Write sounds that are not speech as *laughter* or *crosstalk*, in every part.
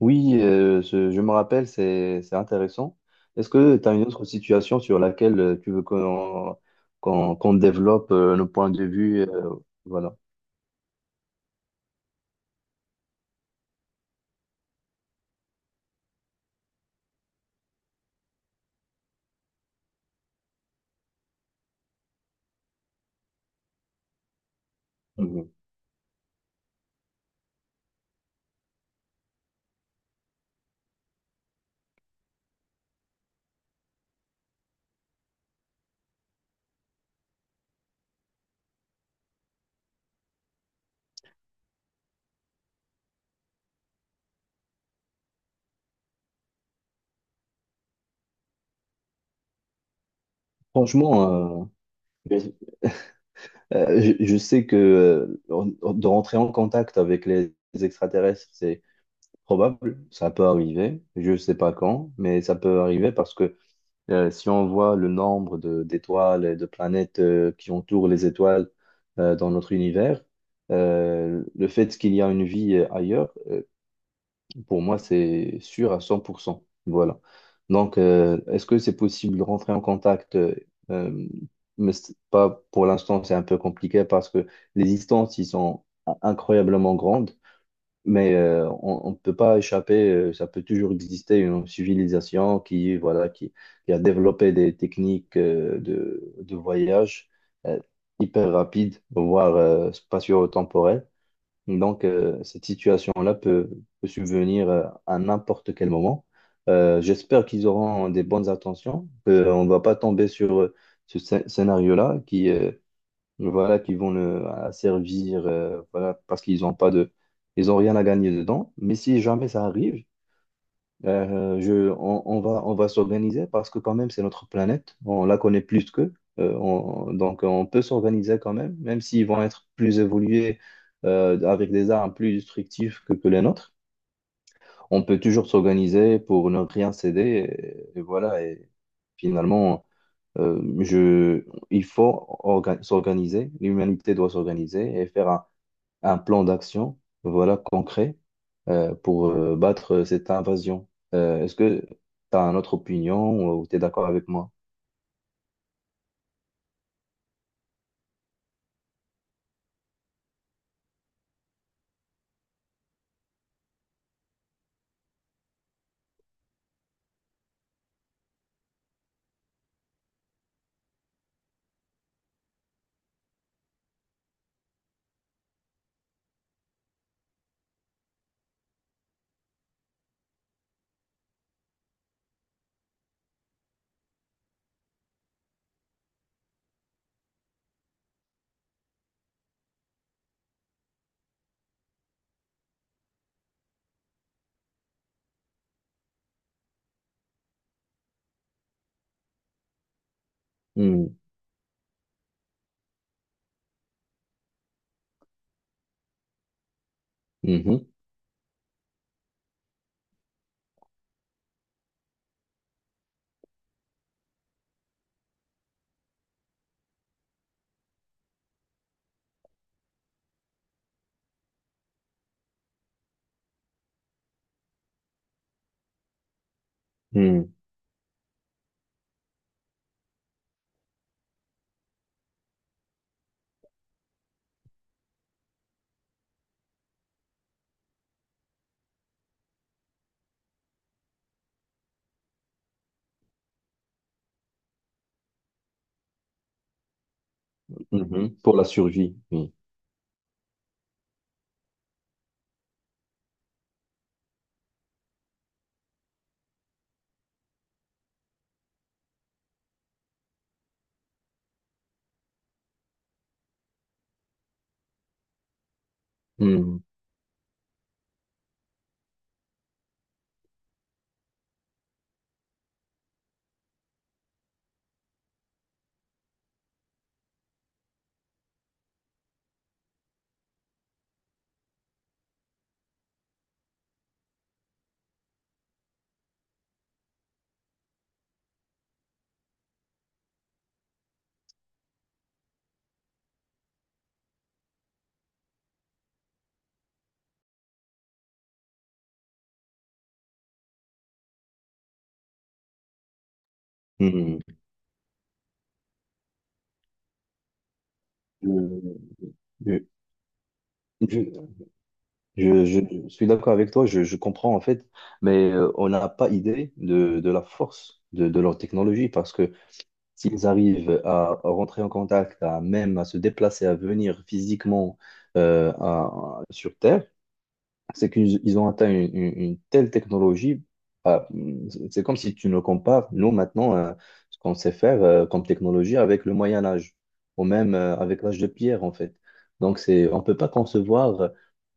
Oui, je me rappelle, c'est intéressant. Est-ce que tu as une autre situation sur laquelle tu veux qu'on développe nos points de vue, voilà. Mhm. Franchement. Vas-y. Je sais que de rentrer en contact avec les extraterrestres, c'est probable, ça peut arriver. Je ne sais pas quand, mais ça peut arriver parce que si on voit le nombre d'étoiles et de planètes qui entourent les étoiles dans notre univers, le fait qu'il y a une vie ailleurs, pour moi, c'est sûr à 100%. Voilà. Donc, est-ce que c'est possible de rentrer en contact, euh, mais c'est pas pour l'instant, c'est un peu compliqué parce que les distances, ils sont incroyablement grandes. Mais on ne peut pas échapper, ça peut toujours exister une civilisation qui, voilà, qui a développé des techniques de voyage, euh, hyper rapides, voire spatio-temporelles. Donc, cette situation-là peut subvenir à n'importe quel moment. J'espère qu'ils auront des bonnes intentions, qu'on ne va pas tomber sur ce scénario-là qui, voilà, qui vont le, à servir, voilà, parce qu'ils n'ont pas de, ils ont rien à gagner dedans. Mais si jamais ça arrive, on, on va s'organiser parce que quand même c'est notre planète, on la connaît plus qu'eux. Donc on peut s'organiser quand même, même s'ils vont être plus évolués, avec des armes plus destructives que les nôtres. On peut toujours s'organiser pour ne rien céder, et voilà. Et finalement. Euh, je, il faut s'organiser, l'humanité doit s'organiser et faire un plan d'action, voilà, concret, pour battre cette invasion. Est-ce que tu as une autre opinion ou tu es d'accord avec moi? Hmm, mhm, hmm, mhm. Pour la survie. Oui. Hmm, hmm. Je, je, je suis d'accord avec toi, je comprends en fait, mais on n'a pas idée de la force de leur technologie parce que s'ils arrivent à rentrer en contact, à même à se déplacer, à venir physiquement, sur Terre, c'est qu'ils ont atteint une telle technologie. Bah, c'est comme si tu nous compares, nous, maintenant, ce qu'on sait faire comme technologie avec le Moyen Âge, ou même avec l'âge de pierre, en fait. Donc, on ne peut pas concevoir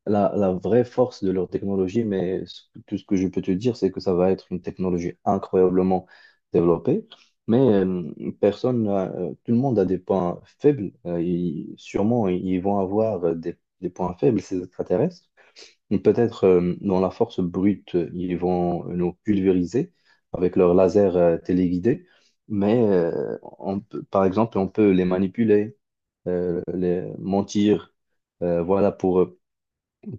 la vraie force de leur technologie, mais tout ce que je peux te dire, c'est que ça va être une technologie incroyablement développée. Mais personne, n'a- tout le monde a des points faibles. Sûrement, ils vont avoir des points faibles, ces extraterrestres. Et peut-être dans la force brute, ils vont nous pulvériser avec leurs lasers, téléguidé, mais par exemple, on peut les manipuler, les mentir, euh, voilà, pour, euh,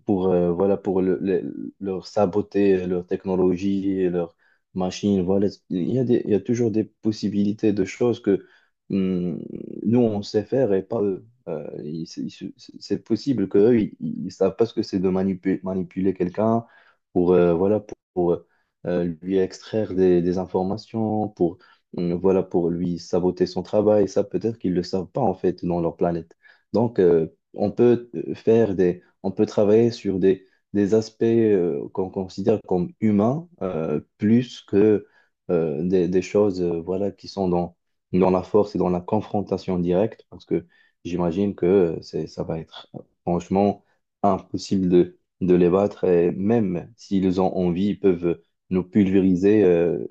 pour leur saboter leur technologie, et leur machine. Voilà. Il y a toujours des possibilités de choses que, hum, nous, on sait faire et pas eux. C'est possible qu'eux, ils ne savent pas ce que c'est de manipuler quelqu'un pour, voilà, lui extraire des informations, pour, voilà, pour lui saboter son travail. Ça, peut-être qu'ils ne le savent pas, en fait, dans leur planète. Donc, on peut euh, faire des, on peut travailler sur des aspects, qu'on considère comme humains, plus que des choses, voilà, qui sont dans, la force et dans la confrontation directe, parce que j'imagine que, ça va être franchement impossible de les battre, et même s'ils ont envie, ils peuvent nous pulvériser,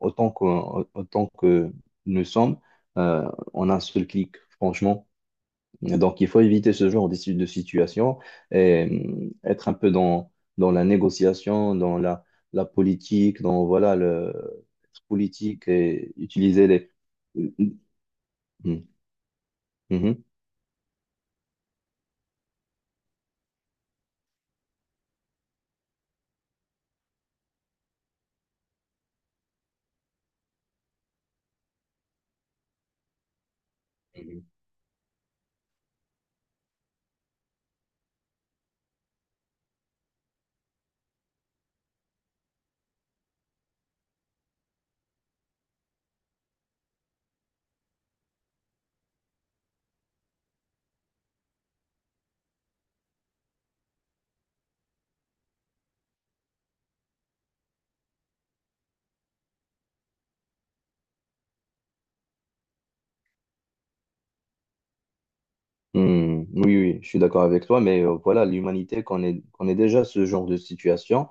autant que nous sommes, euh, en un seul clic, franchement. Donc, il faut éviter ce genre de si- de situation et, être un peu dans, la négociation, dans la politique, dans voilà, le être politique et utiliser les. Mhm. Mhm. Hmm, oui, oui, je suis d'accord avec toi, mais voilà, l'humanité connaît déjà ce genre de situation.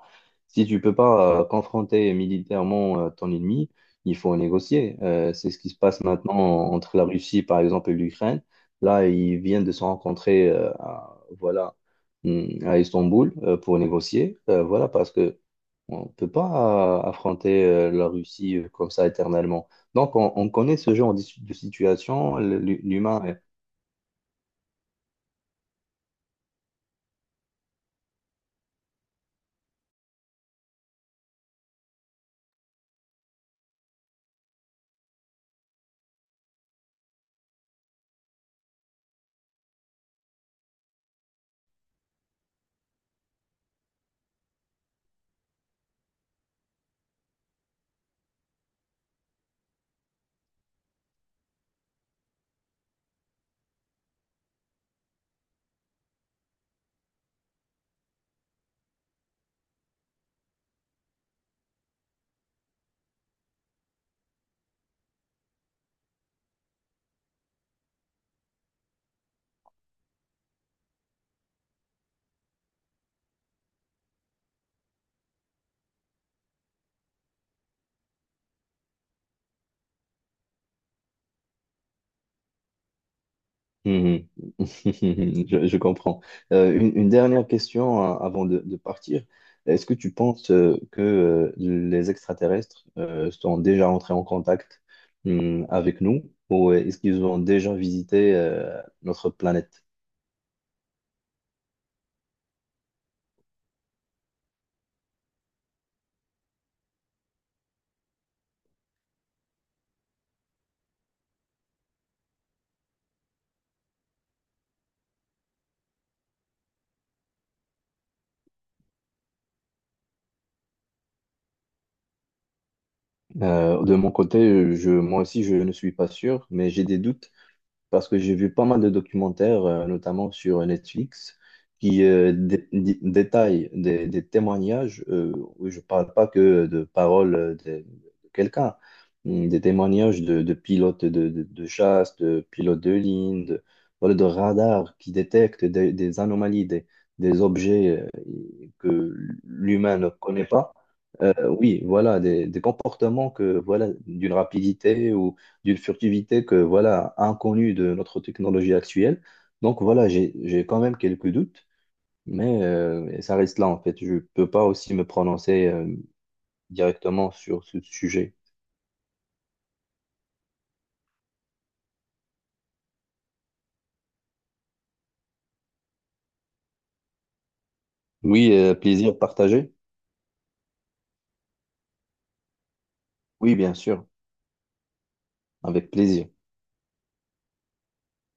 Si tu peux pas confronter militairement ton ennemi, il faut négocier. C'est ce qui se passe maintenant entre la Russie, par exemple, et l'Ukraine. Là, ils viennent de se rencontrer, à Istanbul pour négocier. Voilà, parce que on peut pas affronter la Russie comme ça éternellement. Donc, on connaît ce genre de situation. L'humain. est- *laughs* je comprends. Une dernière question, avant de partir. Est-ce que tu penses que les extraterrestres sont déjà entrés en contact, avec nous ou est-ce qu'ils ont déjà visité notre planète? De mon côté, moi aussi, je ne suis pas sûr, mais j'ai des doutes parce que j'ai vu pas mal de documentaires, notamment sur Netflix, qui détaillent des témoignages. Où je parle pas que de paroles, de quelqu'un, des témoignages de pilotes de chasse, de pilotes de ligne, de radars qui détectent des anomalies, des objets, que l'humain ne connaît pas. Euh, oui, voilà, des comportements que, voilà, d'une rapidité ou d'une furtivité que voilà, inconnue de notre technologie actuelle. Donc voilà, j'ai quand même quelques doutes, mais ça reste là en fait. Je peux pas aussi me prononcer directement sur ce sujet. Oui, plaisir partagé. Oui, bien sûr, avec plaisir.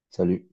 Salut.